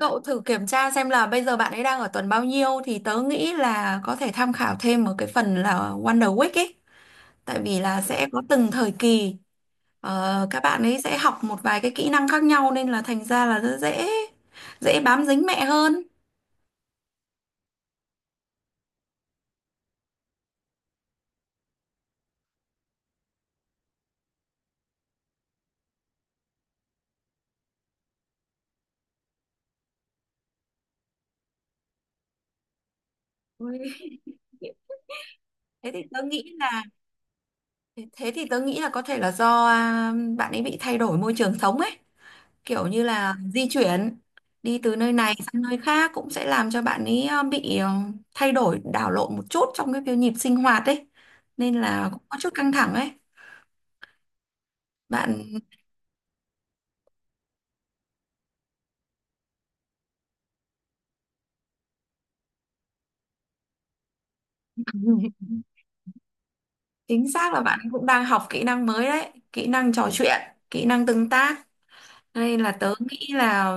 Cậu thử kiểm tra xem là bây giờ bạn ấy đang ở tuần bao nhiêu thì tớ nghĩ là có thể tham khảo thêm ở cái phần là Wonder Week ấy. Tại vì là sẽ có từng thời kỳ các bạn ấy sẽ học một vài cái kỹ năng khác nhau nên là thành ra là rất dễ dễ bám dính mẹ hơn. Ôi. Thế thì tớ nghĩ là thế thì tớ nghĩ là có thể là do bạn ấy bị thay đổi môi trường sống ấy. Kiểu như là di chuyển đi từ nơi này sang nơi khác cũng sẽ làm cho bạn ấy bị thay đổi đảo lộn một chút trong cái việc nhịp sinh hoạt ấy nên là cũng có chút căng thẳng ấy. bạn Chính xác là bạn cũng đang học kỹ năng mới đấy, kỹ năng trò chuyện, kỹ năng tương tác. Hay là tớ nghĩ là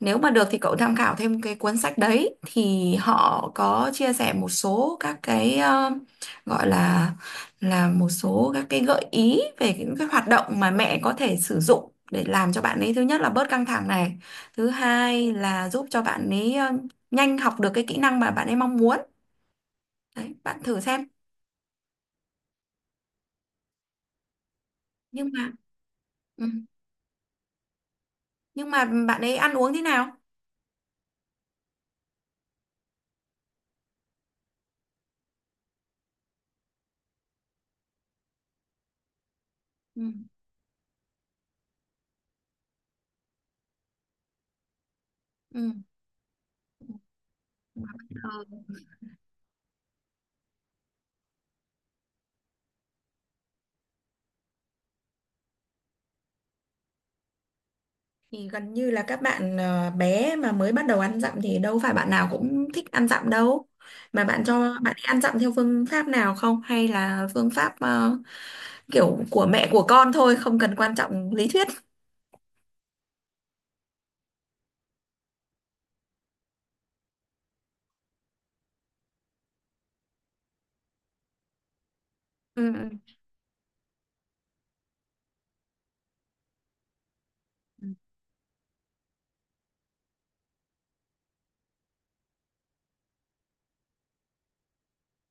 nếu mà được thì cậu tham khảo thêm cái cuốn sách đấy thì họ có chia sẻ một số các cái gọi là một số các cái gợi ý về những cái hoạt động mà mẹ có thể sử dụng để làm cho bạn ấy thứ nhất là bớt căng thẳng này, thứ hai là giúp cho bạn ấy nhanh học được cái kỹ năng mà bạn ấy mong muốn. Đấy, bạn thử xem. Nhưng mà ừ, nhưng mà bạn ấy ăn uống thế nào? Ừ. Ừ. Thì gần như là các bạn bé mà mới bắt đầu ăn dặm thì đâu phải bạn nào cũng thích ăn dặm đâu. Mà bạn cho bạn ấy ăn dặm theo phương pháp nào không? Hay là phương pháp kiểu của mẹ của con thôi, không cần quan trọng lý thuyết. Ừ, ừ, ừ.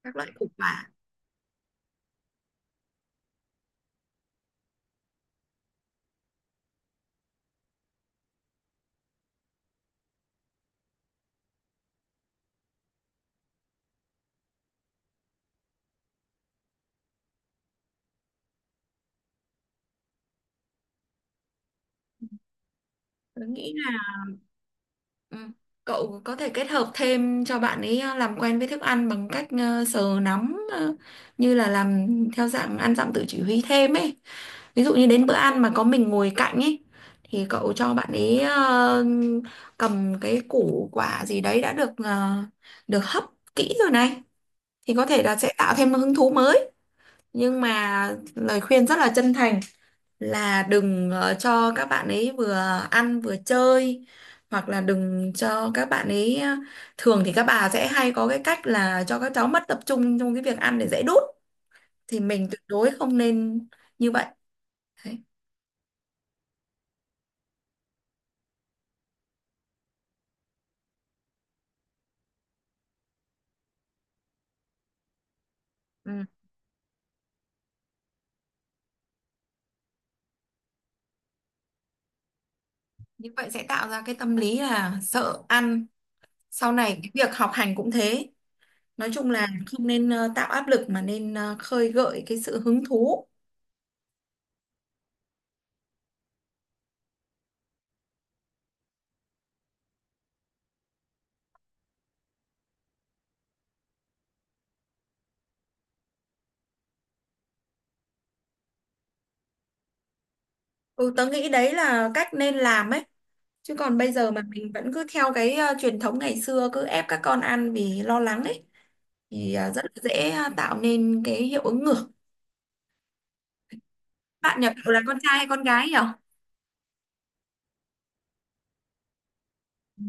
Các loại củ quả. Tớ nghĩ. Ừ. Cậu có thể kết hợp thêm cho bạn ấy làm quen với thức ăn bằng cách sờ nắm như là làm theo dạng ăn dặm tự chỉ huy thêm ấy. Ví dụ như đến bữa ăn mà có mình ngồi cạnh ấy thì cậu cho bạn ấy cầm cái củ quả gì đấy đã được hấp kỹ rồi này thì có thể là sẽ tạo thêm hứng thú mới. Nhưng mà lời khuyên rất là chân thành là đừng cho các bạn ấy vừa ăn vừa chơi hoặc là đừng cho các bạn ấy thường thì các bà sẽ hay có cái cách là cho các cháu mất tập trung trong cái việc ăn để dễ đút thì mình tuyệt đối không nên như vậy. Đấy. Ừ. Như vậy sẽ tạo ra cái tâm lý là sợ ăn, sau này cái việc học hành cũng thế, nói chung là không nên tạo áp lực mà nên khơi gợi cái sự hứng thú. Ừ, tớ nghĩ đấy là cách nên làm ấy. Chứ còn bây giờ mà mình vẫn cứ theo cái truyền thống ngày xưa cứ ép các con ăn vì lo lắng ấy thì rất là dễ tạo nên cái hiệu ứng ngược. Bạn nhà cậu là con trai hay con gái nhỉ? Ừ.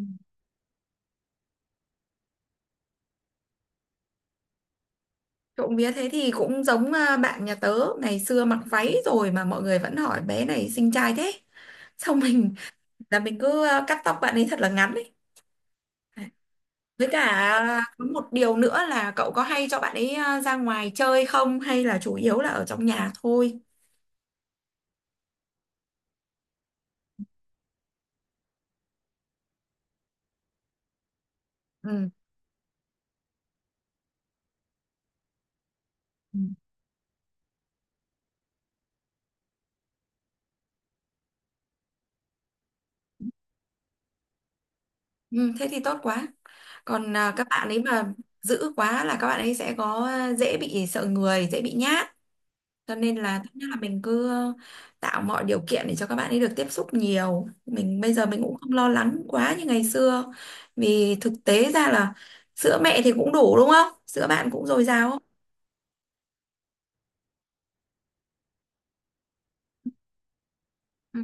Trộm vía thế thì cũng giống bạn nhà tớ ngày xưa mặc váy rồi mà mọi người vẫn hỏi bé này xinh trai thế. Xong mình cứ cắt tóc bạn ấy thật là ngắn ấy. Với cả có một điều nữa là cậu có hay cho bạn ấy ra ngoài chơi không hay là chủ yếu là ở trong nhà thôi? Ừ. Ừ, ừ, thế thì tốt quá. Còn các bạn ấy mà giữ quá là các bạn ấy sẽ có dễ bị sợ người, dễ bị nhát. Cho nên là tốt nhất là mình cứ tạo mọi điều kiện để cho các bạn ấy được tiếp xúc nhiều. Mình bây giờ mình cũng không lo lắng quá như ngày xưa. Vì thực tế ra là sữa mẹ thì cũng đủ đúng không? Sữa bạn cũng dồi dào không? Ừ.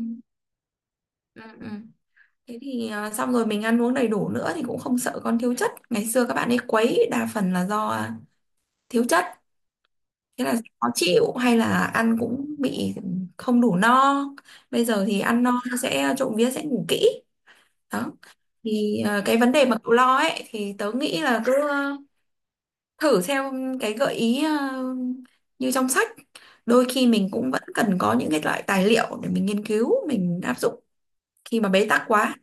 Ừ. Ừ. Thế thì xong rồi mình ăn uống đầy đủ nữa thì cũng không sợ con thiếu chất. Ngày xưa các bạn ấy quấy đa phần là do thiếu chất, thế là khó chịu hay là ăn cũng bị không đủ no. Bây giờ thì ăn no sẽ trộm vía sẽ ngủ kỹ. Đó. Thì cái vấn đề mà cậu lo ấy thì tớ nghĩ là cứ thử theo cái gợi ý như trong sách. Đôi khi mình cũng vẫn cần có những cái loại tài liệu để mình nghiên cứu, mình áp dụng khi mà bế tắc quá.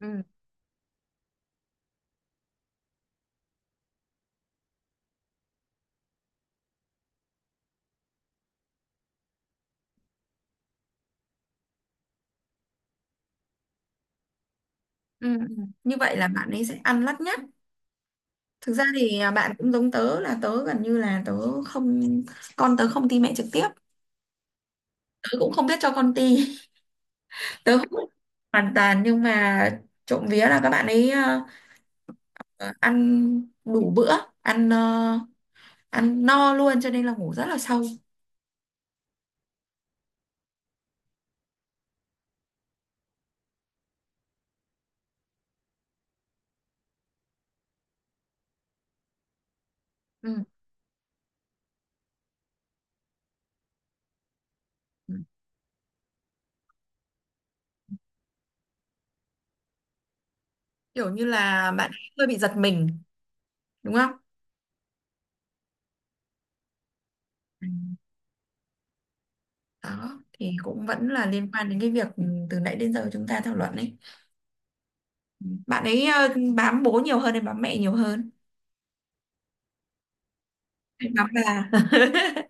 Ừ. Ừ. Ừ. Như vậy là bạn ấy sẽ ăn lắt nhắt. Thực ra thì bạn cũng giống tớ là tớ gần như là tớ không con tớ không ti mẹ trực tiếp. Tớ cũng không biết cho con ti. Tớ không biết hoàn toàn nhưng mà trộm vía là các bạn ấy ăn đủ bữa, ăn ờ, ăn no luôn cho nên là ngủ rất là sâu. Ừ. Ừ. Kiểu như là bạn ấy hơi bị giật mình đúng không? Ừ. Đó thì cũng vẫn là liên quan đến cái việc từ nãy đến giờ chúng ta thảo luận ấy. Bạn ấy bám bố nhiều hơn hay bám mẹ nhiều hơn? Đó là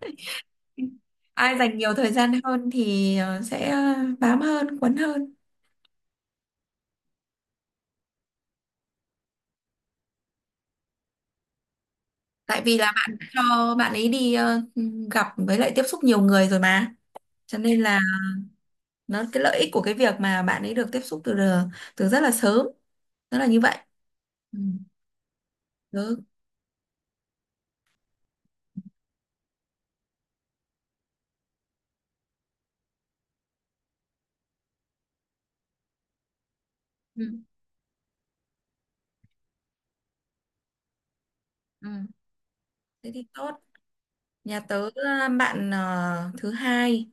ai dành nhiều thời gian hơn thì sẽ bám hơn, quấn hơn. Tại vì là bạn đã cho bạn ấy đi gặp với lại tiếp xúc nhiều người rồi mà. Cho nên là nó cái lợi ích của cái việc mà bạn ấy được tiếp xúc từ từ rất là sớm, nó là như vậy. Ừ. Được. Ừ. Ừ. Thế thì tốt. Nhà tớ bạn thứ hai.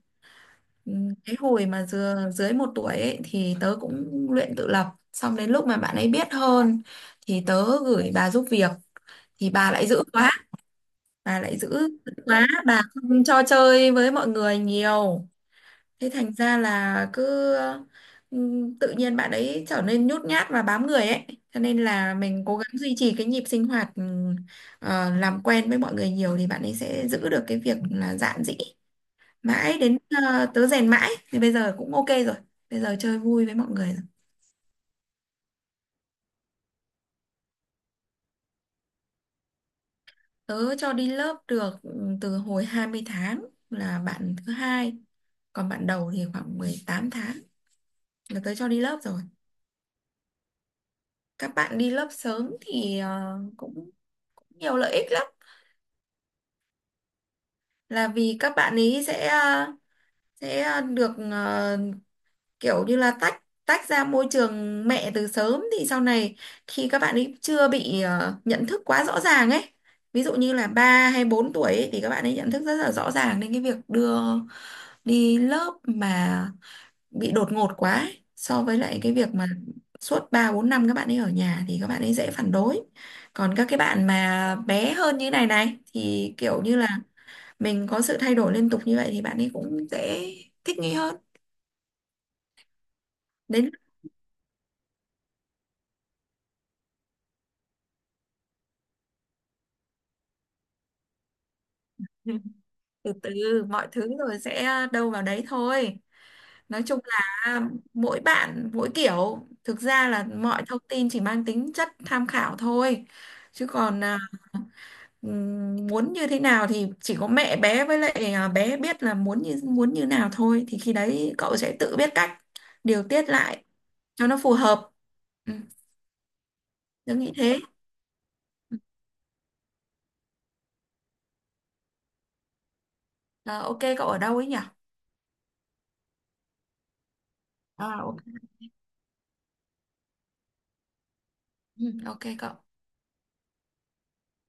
Ừ, cái hồi mà dưới 1 tuổi ấy, thì tớ cũng luyện tự lập xong đến lúc mà bạn ấy biết hơn thì tớ gửi bà giúp việc thì bà lại dữ quá bà không cho chơi với mọi người nhiều, thế thành ra là cứ ừ, tự nhiên bạn ấy trở nên nhút nhát và bám người ấy, cho nên là mình cố gắng duy trì cái nhịp sinh hoạt, làm quen với mọi người nhiều thì bạn ấy sẽ giữ được cái việc là dạn dĩ mãi đến tớ rèn mãi thì bây giờ cũng ok rồi, bây giờ chơi vui với mọi người rồi. Tớ cho đi lớp được từ hồi 20 tháng là bạn thứ hai, còn bạn đầu thì khoảng 18 tháng là tớ cho đi lớp rồi. Các bạn đi lớp sớm thì cũng nhiều lợi ích lắm, là vì các bạn ấy sẽ được kiểu như là tách tách ra môi trường mẹ từ sớm thì sau này khi các bạn ấy chưa bị nhận thức quá rõ ràng ấy, ví dụ như là 3 hay 4 tuổi ấy, thì các bạn ấy nhận thức rất là rõ ràng nên cái việc đưa đi lớp mà bị đột ngột quá ấy, so với lại cái việc mà suốt 3 4 năm các bạn ấy ở nhà thì các bạn ấy dễ phản đối. Còn các cái bạn mà bé hơn như này này thì kiểu như là mình có sự thay đổi liên tục như vậy thì bạn ấy cũng dễ thích nghi hơn. Đến Từ từ mọi thứ rồi sẽ đâu vào đấy thôi, nói chung là mỗi bạn mỗi kiểu, thực ra là mọi thông tin chỉ mang tính chất tham khảo thôi, chứ còn muốn như thế nào thì chỉ có mẹ bé với lại bé biết là muốn như nào thôi thì khi đấy cậu sẽ tự biết cách điều tiết lại cho nó phù hợp. Ừ, tớ nghĩ thế. Ờ, ok cậu ở đâu ấy nhỉ? À, ok. Ừ, ok cậu.